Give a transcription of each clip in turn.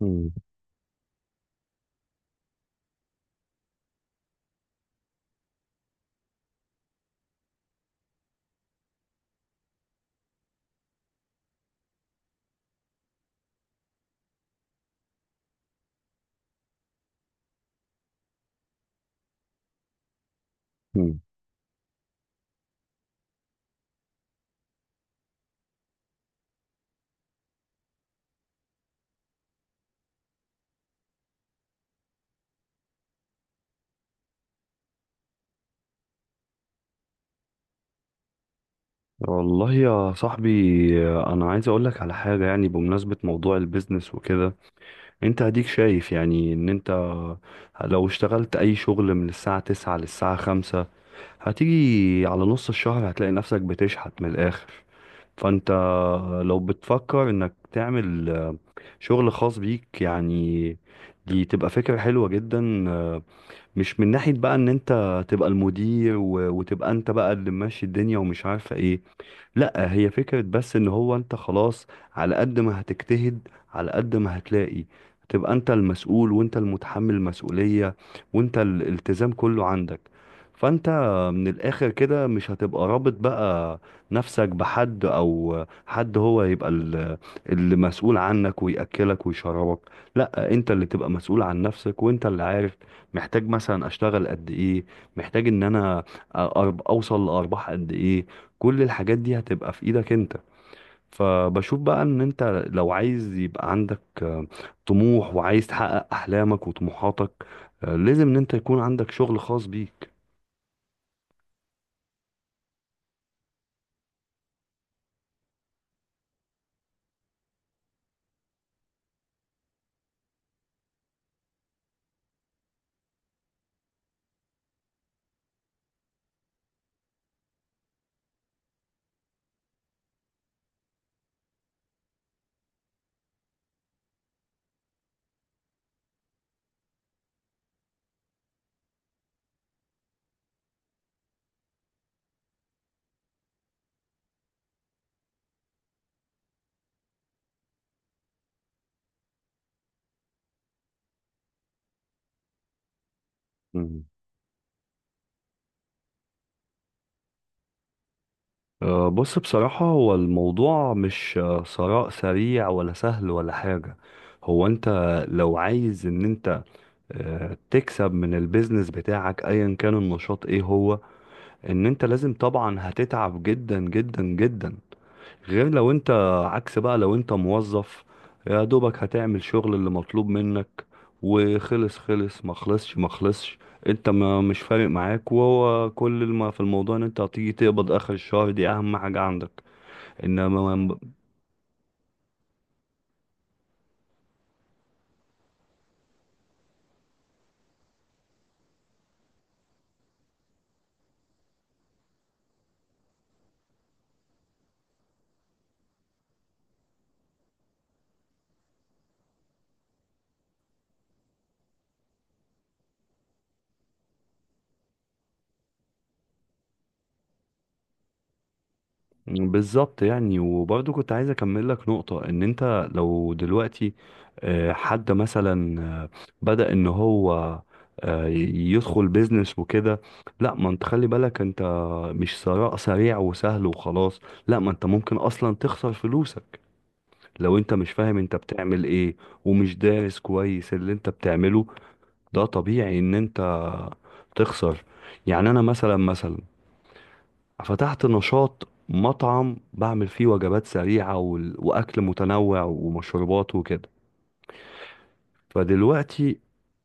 مم. مم. والله يا صاحبي، انا عايز اقول لك على حاجه يعني بمناسبه موضوع البيزنس وكده. انت هديك شايف يعني ان انت لو اشتغلت اي شغل من الساعه 9 للساعه 5، هتيجي على نص الشهر هتلاقي نفسك بتشحت من الاخر. فانت لو بتفكر انك تعمل شغل خاص بيك يعني، دي تبقى فكرة حلوة جدا. مش من ناحية بقى ان انت تبقى المدير وتبقى انت بقى اللي ماشي الدنيا ومش عارفة ايه. لا، هي فكرة بس ان هو انت خلاص، على قد ما هتجتهد على قد ما هتلاقي تبقى انت المسؤول وانت المتحمل المسؤولية وانت الالتزام كله عندك. فانت من الاخر كده مش هتبقى رابط بقى نفسك بحد او حد هو يبقى اللي مسؤول عنك ويأكلك ويشربك. لا، انت اللي تبقى مسؤول عن نفسك وانت اللي عارف محتاج مثلا اشتغل قد ايه، محتاج ان انا اوصل لارباح قد ايه. كل الحاجات دي هتبقى في ايدك انت. فبشوف بقى ان انت لو عايز يبقى عندك طموح وعايز تحقق احلامك وطموحاتك، لازم ان انت يكون عندك شغل خاص بيك. مم. بص، بصراحة هو الموضوع مش ثراء سريع ولا سهل ولا حاجة. هو انت لو عايز ان انت تكسب من البيزنس بتاعك ايا كان النشاط ايه هو، ان انت لازم طبعا هتتعب جدا جدا جدا. غير لو انت، عكس بقى، لو انت موظف يا دوبك هتعمل شغل اللي مطلوب منك وخلص خلص، ما خلصش ما خلصش، انت ما مش فارق معاك. وهو كل ما في الموضوع ان انت هتيجي تقبض اخر الشهر، دي اهم حاجة عندك. انما بالظبط يعني، وبرضه كنت عايز اكمل لك نقطة ان انت لو دلوقتي حد مثلا بدأ ان هو يدخل بيزنس وكده، لا، ما انت خلي بالك، انت مش ثراء سريع وسهل وخلاص. لا، ما انت ممكن اصلا تخسر فلوسك لو انت مش فاهم انت بتعمل ايه ومش دارس كويس اللي انت بتعمله. ده طبيعي ان انت تخسر. يعني انا مثلا فتحت نشاط مطعم بعمل فيه وجبات سريعة وأكل متنوع ومشروبات وكده. فدلوقتي،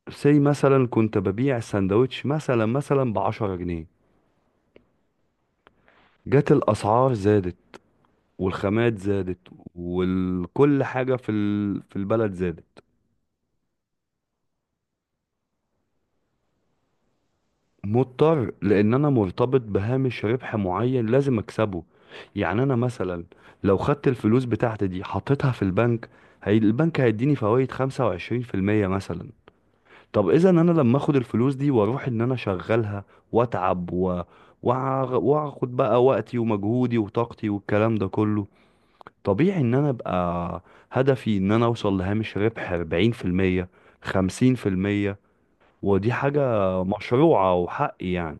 سي مثلا كنت ببيع السندوتش مثلا ب10 جنيه، جت الأسعار زادت والخامات زادت وكل حاجة في البلد زادت. مضطر لأن أنا مرتبط بهامش ربح معين لازم أكسبه. يعني أنا مثلا لو خدت الفلوس بتاعتي دي حطيتها في البنك، هي البنك هيديني فوائد 25% مثلا. طب اذا انا لما اخد الفلوس دي واروح ان انا اشغلها واتعب واخد بقى وقتي ومجهودي وطاقتي والكلام ده كله، طبيعي ان انا ابقى هدفي ان انا اوصل لهامش ربح 40% 50%. ودي حاجة مشروعة وحقي يعني.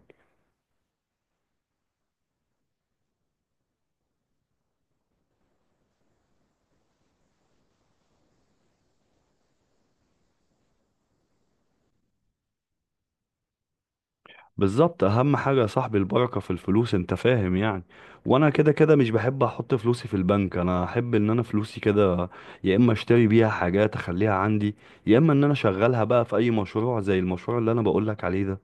بالظبط، اهم حاجه يا صاحبي البركه في الفلوس، انت فاهم يعني. وانا كده كده مش بحب احط فلوسي في البنك، انا احب ان انا فلوسي كده يا اما اشتري بيها حاجات اخليها عندي، يا اما ان انا اشغلها بقى في اي مشروع زي المشروع اللي انا بقولك عليه ده.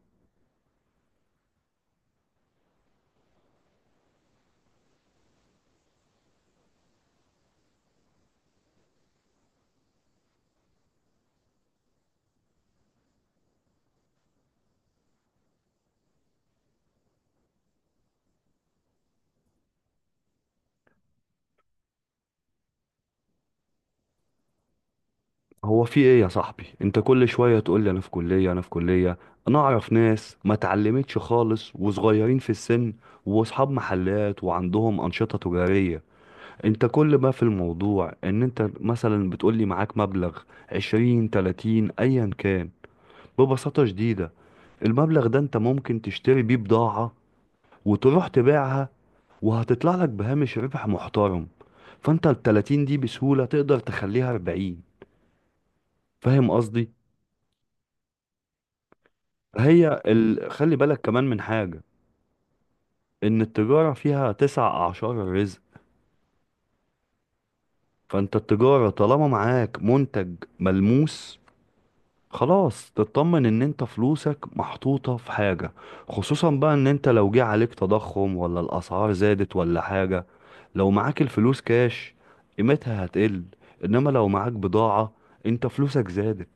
هو في ايه يا صاحبي؟ انت كل شويه تقول لي انا في كليه انا في كليه. انا اعرف ناس ما اتعلمتش خالص وصغيرين في السن واصحاب محلات وعندهم انشطه تجاريه. انت كل ما في الموضوع ان انت مثلا بتقولي معاك مبلغ عشرين تلاتين ايا كان. ببساطة شديدة، المبلغ ده انت ممكن تشتري بيه بضاعة وتروح تبيعها وهتطلع لك بهامش ربح محترم. فانت التلاتين دي بسهولة تقدر تخليها اربعين. فاهم قصدي؟ خلي بالك كمان من حاجة. ان التجارة فيها تسع اعشار الرزق. فانت التجارة طالما معاك منتج ملموس، خلاص تطمن ان انت فلوسك محطوطة في حاجة. خصوصا بقى ان انت لو جه عليك تضخم ولا الاسعار زادت ولا حاجة، لو معاك الفلوس كاش قيمتها هتقل، انما لو معاك بضاعة انت فلوسك زادت.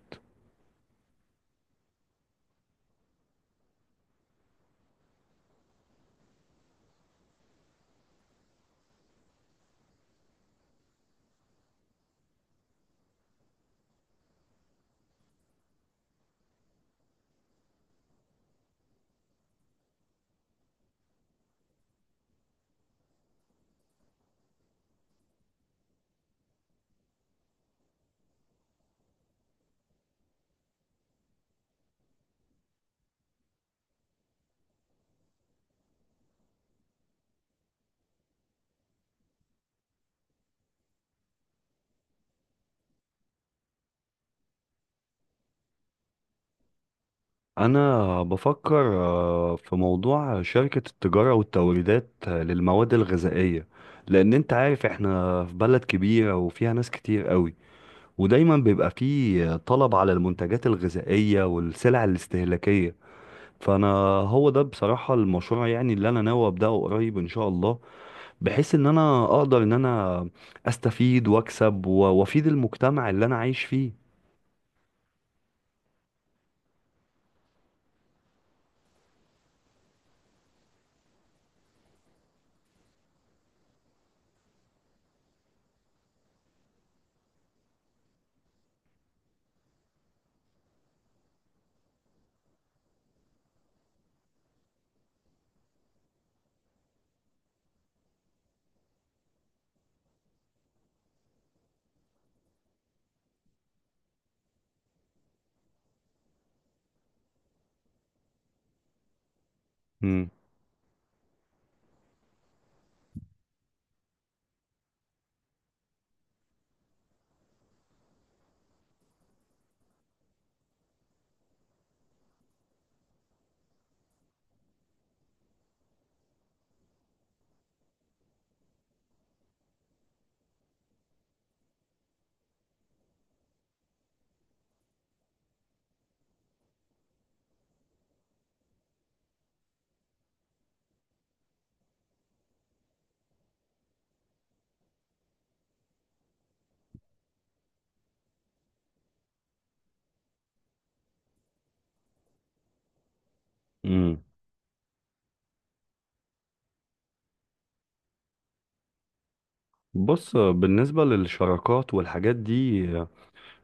انا بفكر في موضوع شركة التجارة والتوريدات للمواد الغذائية. لان انت عارف احنا في بلد كبيرة وفيها ناس كتير قوي، ودايما بيبقى فيه طلب على المنتجات الغذائية والسلع الاستهلاكية. فانا هو ده بصراحه المشروع يعني اللي انا ناوي ابداه قريب ان شاء الله، بحيث ان انا اقدر ان انا استفيد واكسب وافيد المجتمع اللي انا عايش فيه. مم. مم. بص، بالنسبه للشراكات والحاجات دي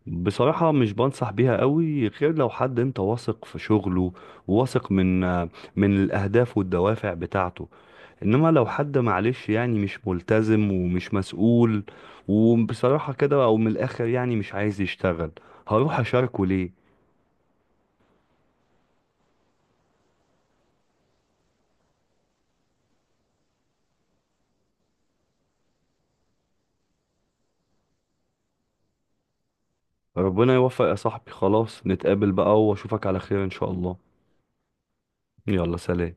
بصراحه مش بنصح بيها قوي غير لو حد انت واثق في شغله، واثق من الاهداف والدوافع بتاعته. انما لو حد معلش يعني مش ملتزم ومش مسؤول، وبصراحة كده او من الاخر يعني مش عايز يشتغل، هروح اشاركه ليه؟ ربنا يوفق يا صاحبي. خلاص نتقابل بقى واشوفك على خير ان شاء الله. يلا سلام.